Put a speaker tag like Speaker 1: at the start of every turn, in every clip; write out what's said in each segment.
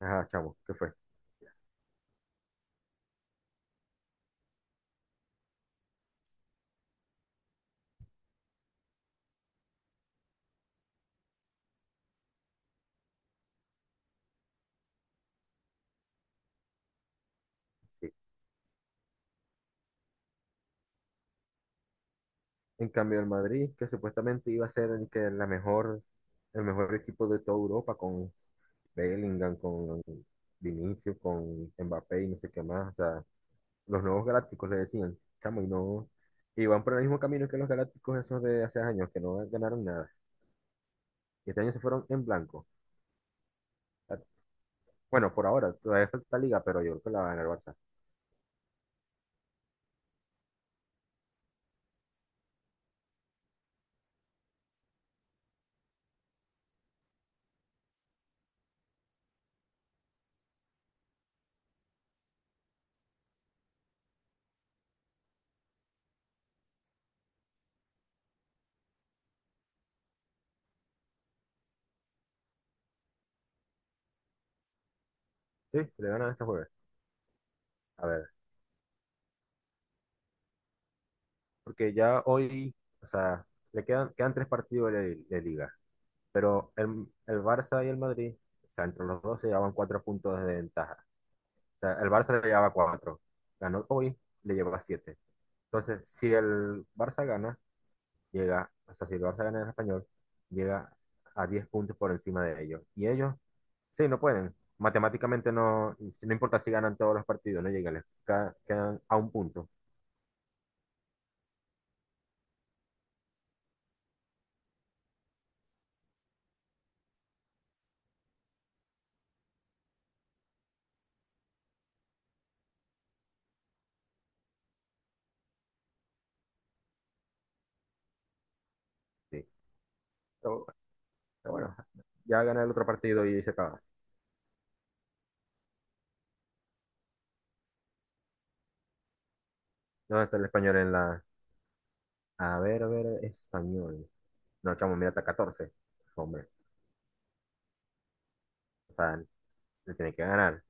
Speaker 1: Ajá, chamo, ¿qué fue? Sí. En cambio, el Madrid, que supuestamente iba a ser el mejor equipo de toda Europa con Bellingham, con Vinicius, con Mbappé y no sé qué más. O sea, los nuevos galácticos le decían, chamo, y no. Y van por el mismo camino que los galácticos esos de hace años, que no ganaron nada. Y este año se fueron en blanco. Ah, bueno, por ahora, todavía falta liga, pero yo creo que la va a ganar el Barça. Sí, le ganan este jueves. A ver, porque ya hoy, o sea, le quedan tres partidos de liga. Pero el Barça y el Madrid, o sea, entre los dos se llevaban 4 puntos de ventaja. O sea, el Barça le llevaba 4, ganó hoy, le llevaba 7. Entonces, si el Barça gana, llega, o sea, si el Barça gana en el español, llega a 10 puntos por encima de ellos. Y ellos, sí, no pueden. Matemáticamente no, si no importa si ganan todos los partidos, no llegan, quedan a 1 punto. Sí. Pero, pero bueno, ya gana el otro partido y se acaba. ¿Dónde está el español en la? A ver, español. No, chamo, mira, está 14. Hombre, o sea, le tiene que ganar.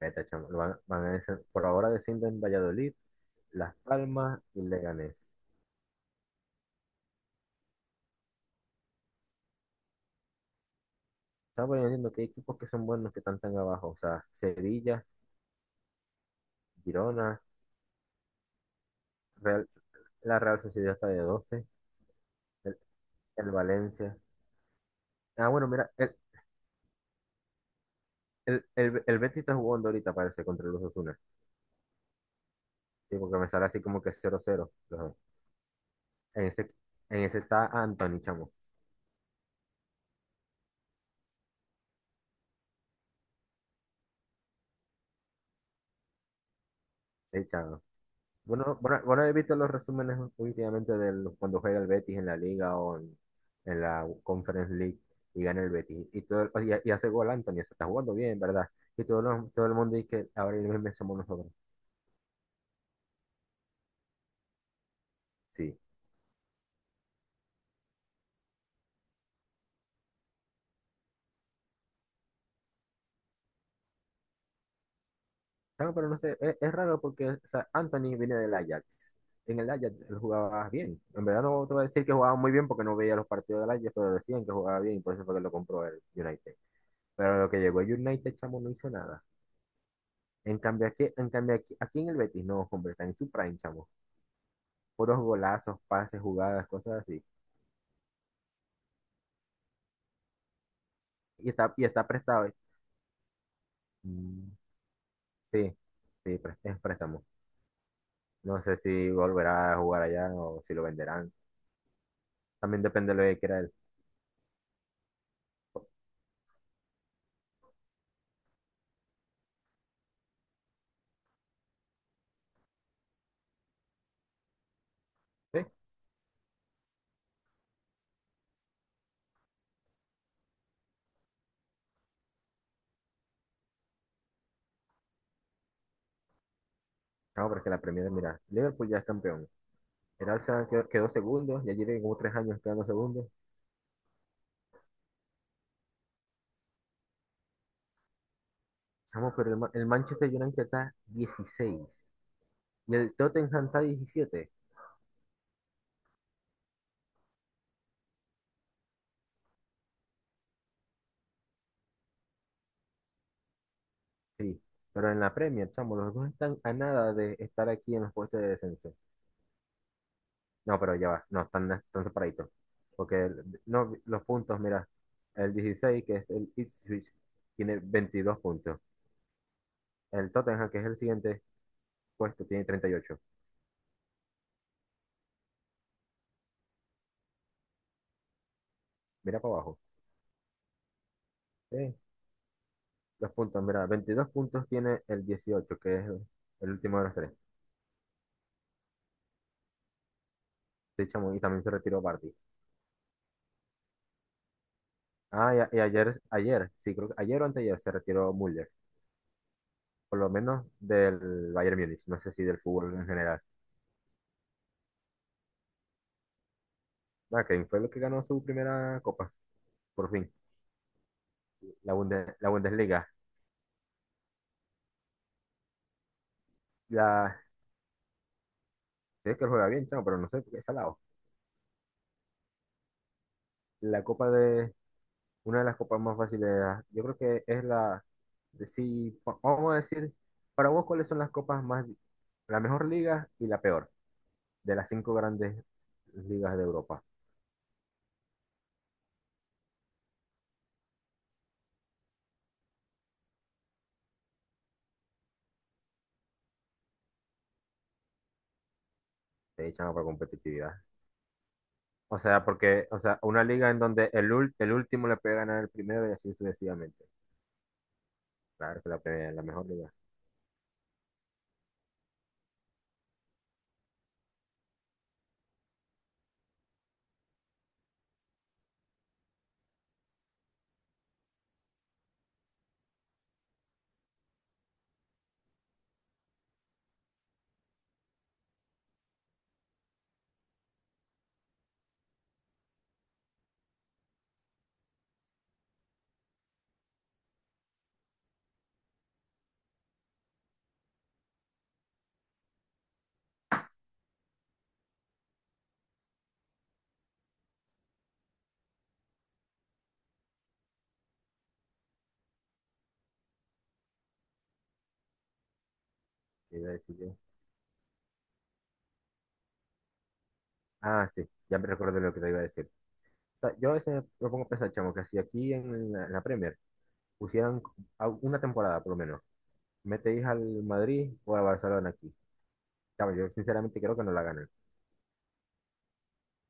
Speaker 1: Eta, chamo, lo van, van a decir- por ahora descienden Valladolid, Las Palmas y Leganés. Estamos diciendo que hay equipos que son buenos que están tan abajo. O sea, Sevilla, Girona, Real, la Real Sociedad está de 12, el, el Valencia. Ah, bueno, mira, el Betis está jugando ahorita, parece, contra los Osasuna. Sí, porque me sale así como que 0-0 los dos. En ese, en ese está Anthony, chamo. Sí, chamo. Bueno, bueno, bueno, he visto los resúmenes últimamente de cuando juega el Betis en la Liga o en la Conference League y gana el Betis. Y hace gol Anthony, se está jugando bien, ¿verdad? Y todo, todo el mundo dice que ahora el mismo somos nosotros. Sí. Claro, pero no sé, es raro porque o sea, Anthony viene del Ajax. En el Ajax él jugaba bien. En verdad no te voy a decir que jugaba muy bien porque no veía los partidos del Ajax, pero decían que jugaba bien y por eso fue que lo compró el United. Pero lo que llegó el United, chamo, no hizo nada. Aquí en el Betis, no, hombre, está en su prime, chamo. Puros golazos, pases, jugadas, cosas así. Y está prestado, ¿eh? Mm. Sí, sí, es préstamo. No sé si volverá a jugar allá o si lo venderán. También depende de lo que quiera él. Sí, chamo, porque la Premier, mira, Liverpool ya es campeón. El Arsenal quedó segundo, ya tiene como 3 años quedando segundo. Chamo, pero el Manchester United está 16 y el Tottenham está 17. Sí, pero en la Premier, chamo, los dos están a nada de estar aquí en los puestos de descenso. No, pero ya va, no, están separaditos. Porque no, los puntos, mira, el 16 que es el Ipswich, tiene 22 puntos. El Tottenham, que es el siguiente puesto, tiene 38. Mira para abajo. Sí, los puntos, mira, 22 puntos tiene el 18 que es el último de los tres. Sí, chamo, y también se retiró Barty. Ah, y ayer, sí, creo que ayer o anteayer se retiró Müller, por lo menos del Bayern Múnich, no sé si del fútbol en general. Nada, Kane fue el que ganó su primera copa, por fin, la Bundesliga. La, sé que juega bien, chamo, pero no sé por qué es salado. La copa de, una de las copas más fáciles, ah, yo creo que es la, de, si, va- vamos a decir, para vos, ¿cuáles son la mejor liga y la peor de las cinco grandes ligas de Europa? Te echan para competitividad. O sea, porque, o sea, una liga en donde el último le puede ganar el primero y así sucesivamente. Claro que la mejor liga. ¿Qué iba a decir yo? Ah, sí, ya me recuerdo lo que te iba a decir. O sea, yo a veces me pongo a pensar, chamo, que si aquí en la Premier pusieran una temporada por lo menos, metéis al Madrid o al Barcelona aquí. Chamo, yo sinceramente creo que no la ganan.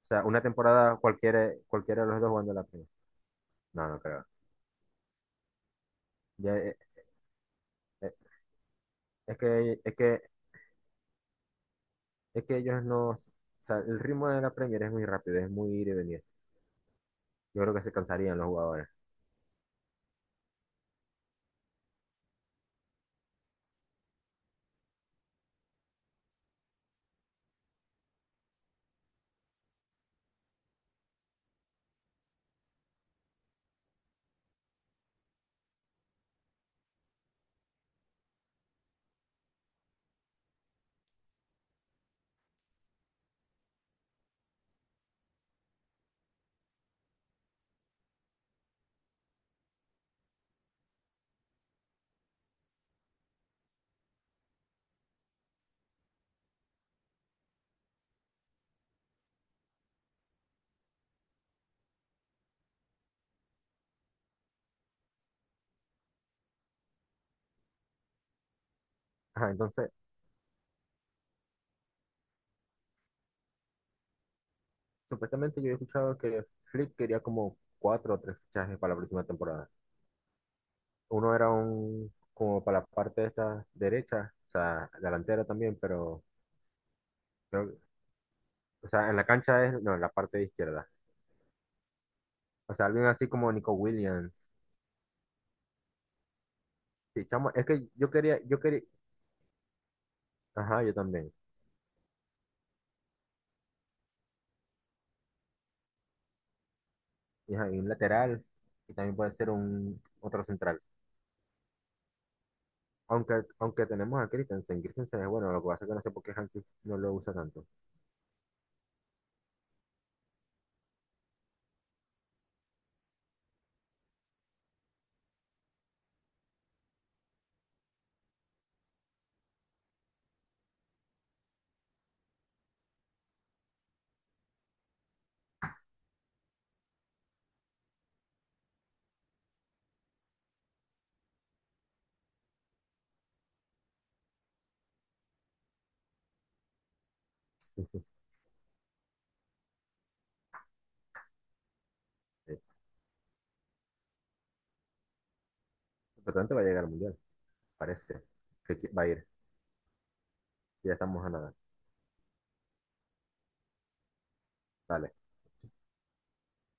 Speaker 1: O sea, una temporada cualquiera, cualquiera de los dos jugando en la Premier. No, no creo. Ya, eh, es que, es que, es que ellos no. O sea, el ritmo de la Premier es muy rápido, es muy ir y venir. Yo creo que se cansarían los jugadores. Ajá, entonces, supuestamente yo he escuchado que Flick quería como cuatro o tres fichajes para la próxima temporada. Uno era un como para la parte de esta derecha, o sea, delantera también, pero creo- o sea, en la cancha es, no, en la parte de izquierda. O sea, alguien así como Nico Williams. Sí, chamo, es que yo quería, ajá, yo también. Y, ajá, y un lateral, y también puede ser un otro central. Aunque, aunque tenemos a Christensen, Christensen es bueno, lo que pasa es que no sé por qué Hansi no lo usa tanto. Sí. Pero tanto va a llegar al mundial, parece. Que va a ir. Ya estamos a nada. Dale.